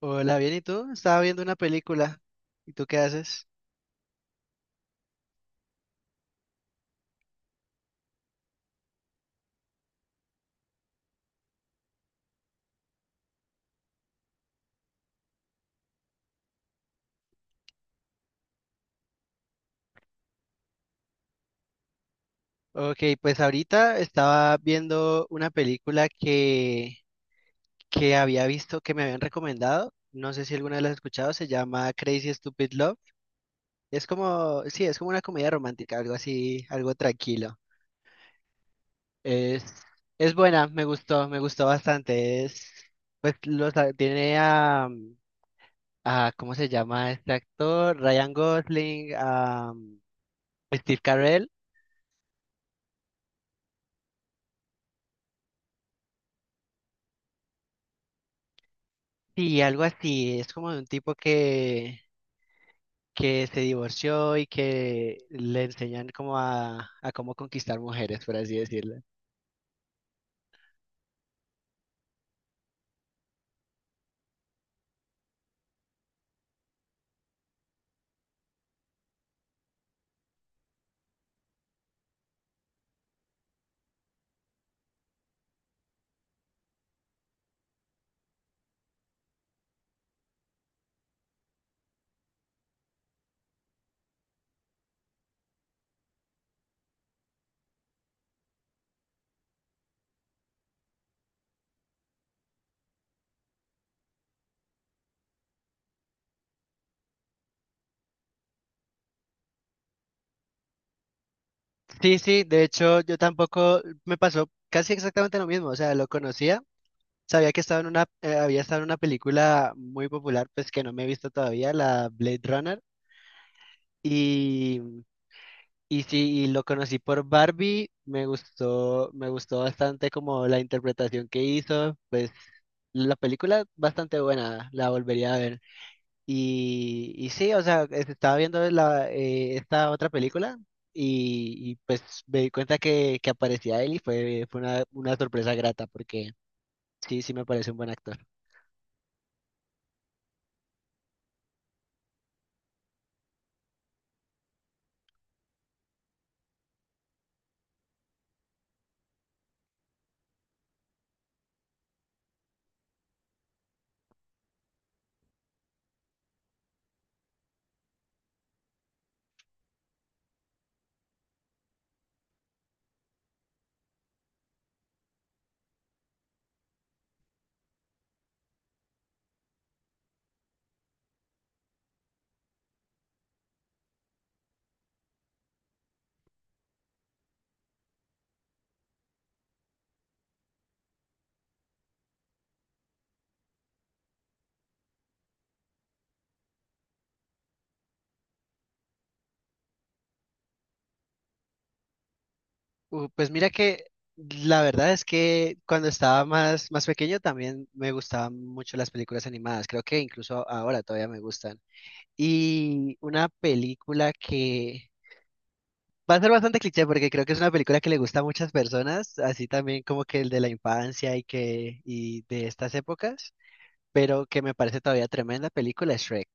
Hola, bien, ¿y tú? Estaba viendo una película. ¿Y tú qué haces? Ok, pues ahorita estaba viendo una película que había visto, que me habían recomendado. No sé si alguna vez la has escuchado, se llama Crazy Stupid Love. Es como, sí, es como una comedia romántica, algo así, algo tranquilo. Es, es buena, me gustó bastante. Es, pues los, tiene a ¿cómo se llama este actor? Ryan Gosling, a Steve Carell. Sí, algo así. Es como de un tipo que se divorció y que le enseñan como a cómo conquistar mujeres, por así decirlo. Sí, sí, de hecho yo tampoco me pasó casi exactamente lo mismo. O sea, lo conocía, sabía que estaba en una, había estado en una película muy popular, pues que no me he visto todavía, la Blade Runner. Y sí, y lo conocí por Barbie, me gustó bastante como la interpretación que hizo, pues la película bastante buena, la volvería a ver. Y sí, o sea, estaba viendo la, esta otra película y pues me di cuenta que aparecía él y fue una sorpresa grata porque sí, sí me parece un buen actor. Pues mira que la verdad es que cuando estaba más, más pequeño también me gustaban mucho las películas animadas. Creo que incluso ahora todavía me gustan. Y una película que va a ser bastante cliché porque creo que es una película que le gusta a muchas personas, así también como que el de la infancia y que y de estas épocas, pero que me parece todavía tremenda película es Shrek.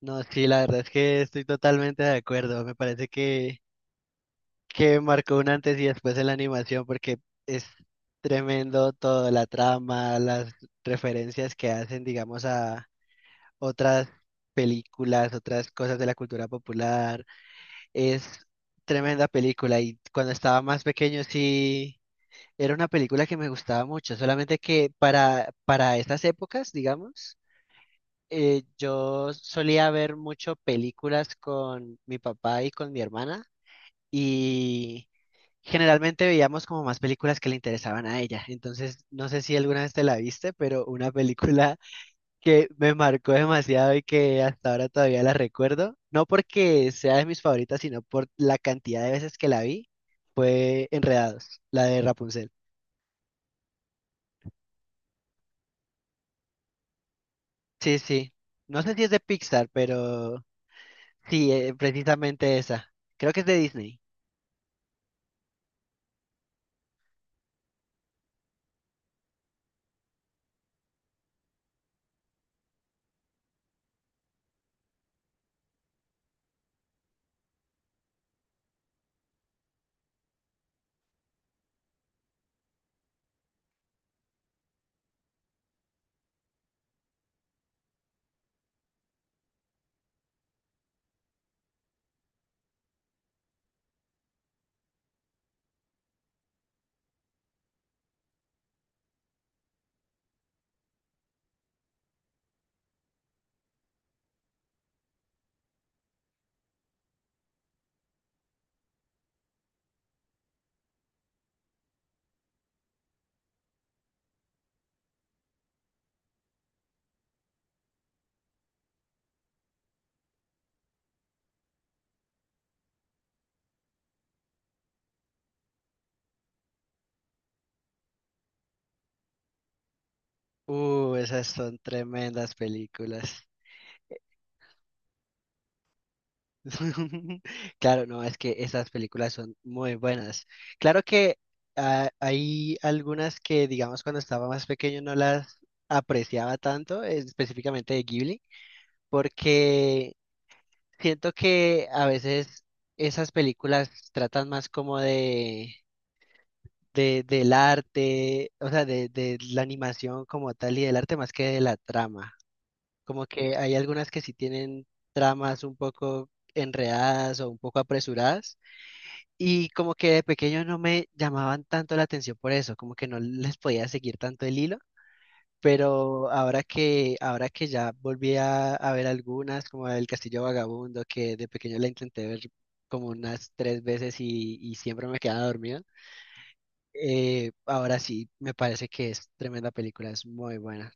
No, sí, la verdad es que estoy totalmente de acuerdo. Me parece que marcó un antes y después en la animación porque es tremendo toda la trama, las referencias que hacen, digamos, a otras películas, otras cosas de la cultura popular. Es tremenda película y cuando estaba más pequeño sí era una película que me gustaba mucho, solamente que para estas épocas, digamos, yo solía ver mucho películas con mi papá y con mi hermana. y Generalmente veíamos como más películas que le interesaban a ella. Entonces, no sé si alguna vez te la viste, pero una película que me marcó demasiado y que hasta ahora todavía la recuerdo, no porque sea de mis favoritas, sino por la cantidad de veces que la vi, fue Enredados, la de Rapunzel. Sí, sí. No sé si es de Pixar, pero sí, precisamente esa. Creo que es de Disney. Esas son tremendas películas. Claro, no, es que esas películas son muy buenas. Claro que hay algunas que, digamos, cuando estaba más pequeño no las apreciaba tanto, específicamente de Ghibli, porque siento que a veces esas películas tratan más como del arte, o sea, de la animación como tal y del arte más que de la trama. Como que hay algunas que sí tienen tramas un poco enredadas o un poco apresuradas. Y como que de pequeño no me llamaban tanto la atención por eso, como que no les podía seguir tanto el hilo, pero ahora que ya volví a ver algunas, como El Castillo Vagabundo, que de pequeño la intenté ver como unas tres veces y siempre me quedaba dormido, ahora sí me parece que es tremenda película, es muy buena.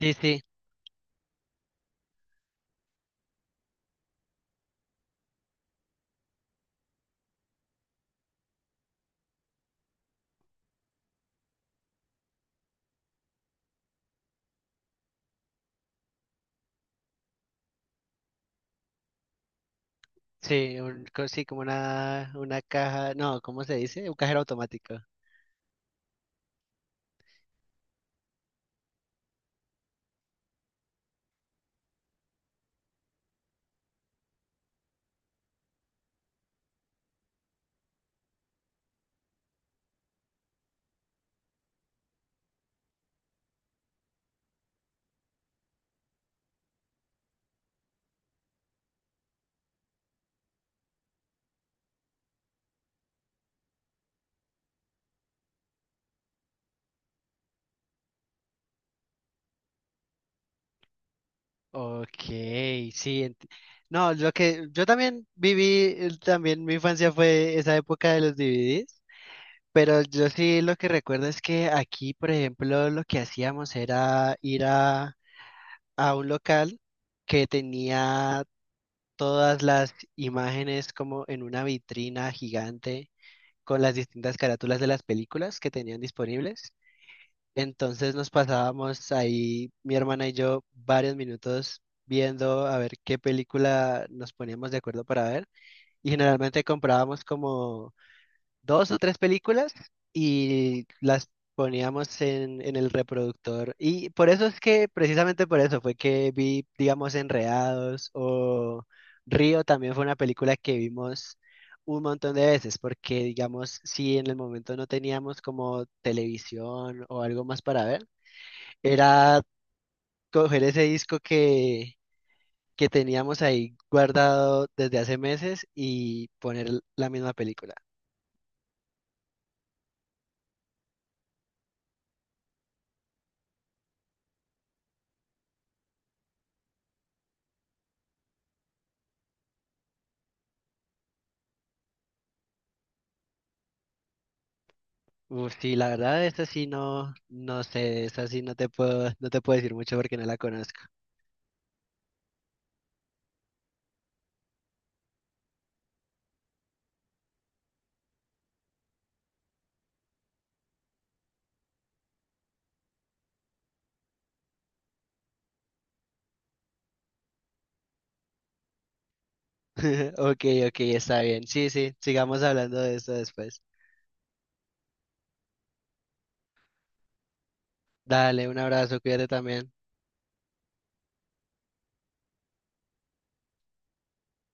Sí, sí, sí, sí, como una caja, no, ¿cómo se dice? Un cajero automático. Ok, sí. No, lo que yo también viví, también mi infancia fue esa época de los DVDs, pero yo sí lo que recuerdo es que aquí, por ejemplo, lo que hacíamos era ir a un local que tenía todas las imágenes como en una vitrina gigante con las distintas carátulas de las películas que tenían disponibles. Entonces nos pasábamos ahí, mi hermana y yo, varios minutos viendo a ver qué película nos poníamos de acuerdo para ver. Y generalmente comprábamos como dos o tres películas y las poníamos en el reproductor. Y por eso es que, precisamente por eso fue que vi, digamos, Enredados o Río también fue una película que vimos un montón de veces, porque digamos, si en el momento no teníamos como televisión o algo más para ver, era coger ese disco que teníamos ahí guardado desde hace meses y poner la misma película. Uf, sí, la verdad, esta sí no, no sé, esta sí no te puedo, no te puedo decir mucho porque no la conozco. Ok, ok, está bien. Sí, sí, sigamos hablando de esto después. Dale, un abrazo, cuídate también.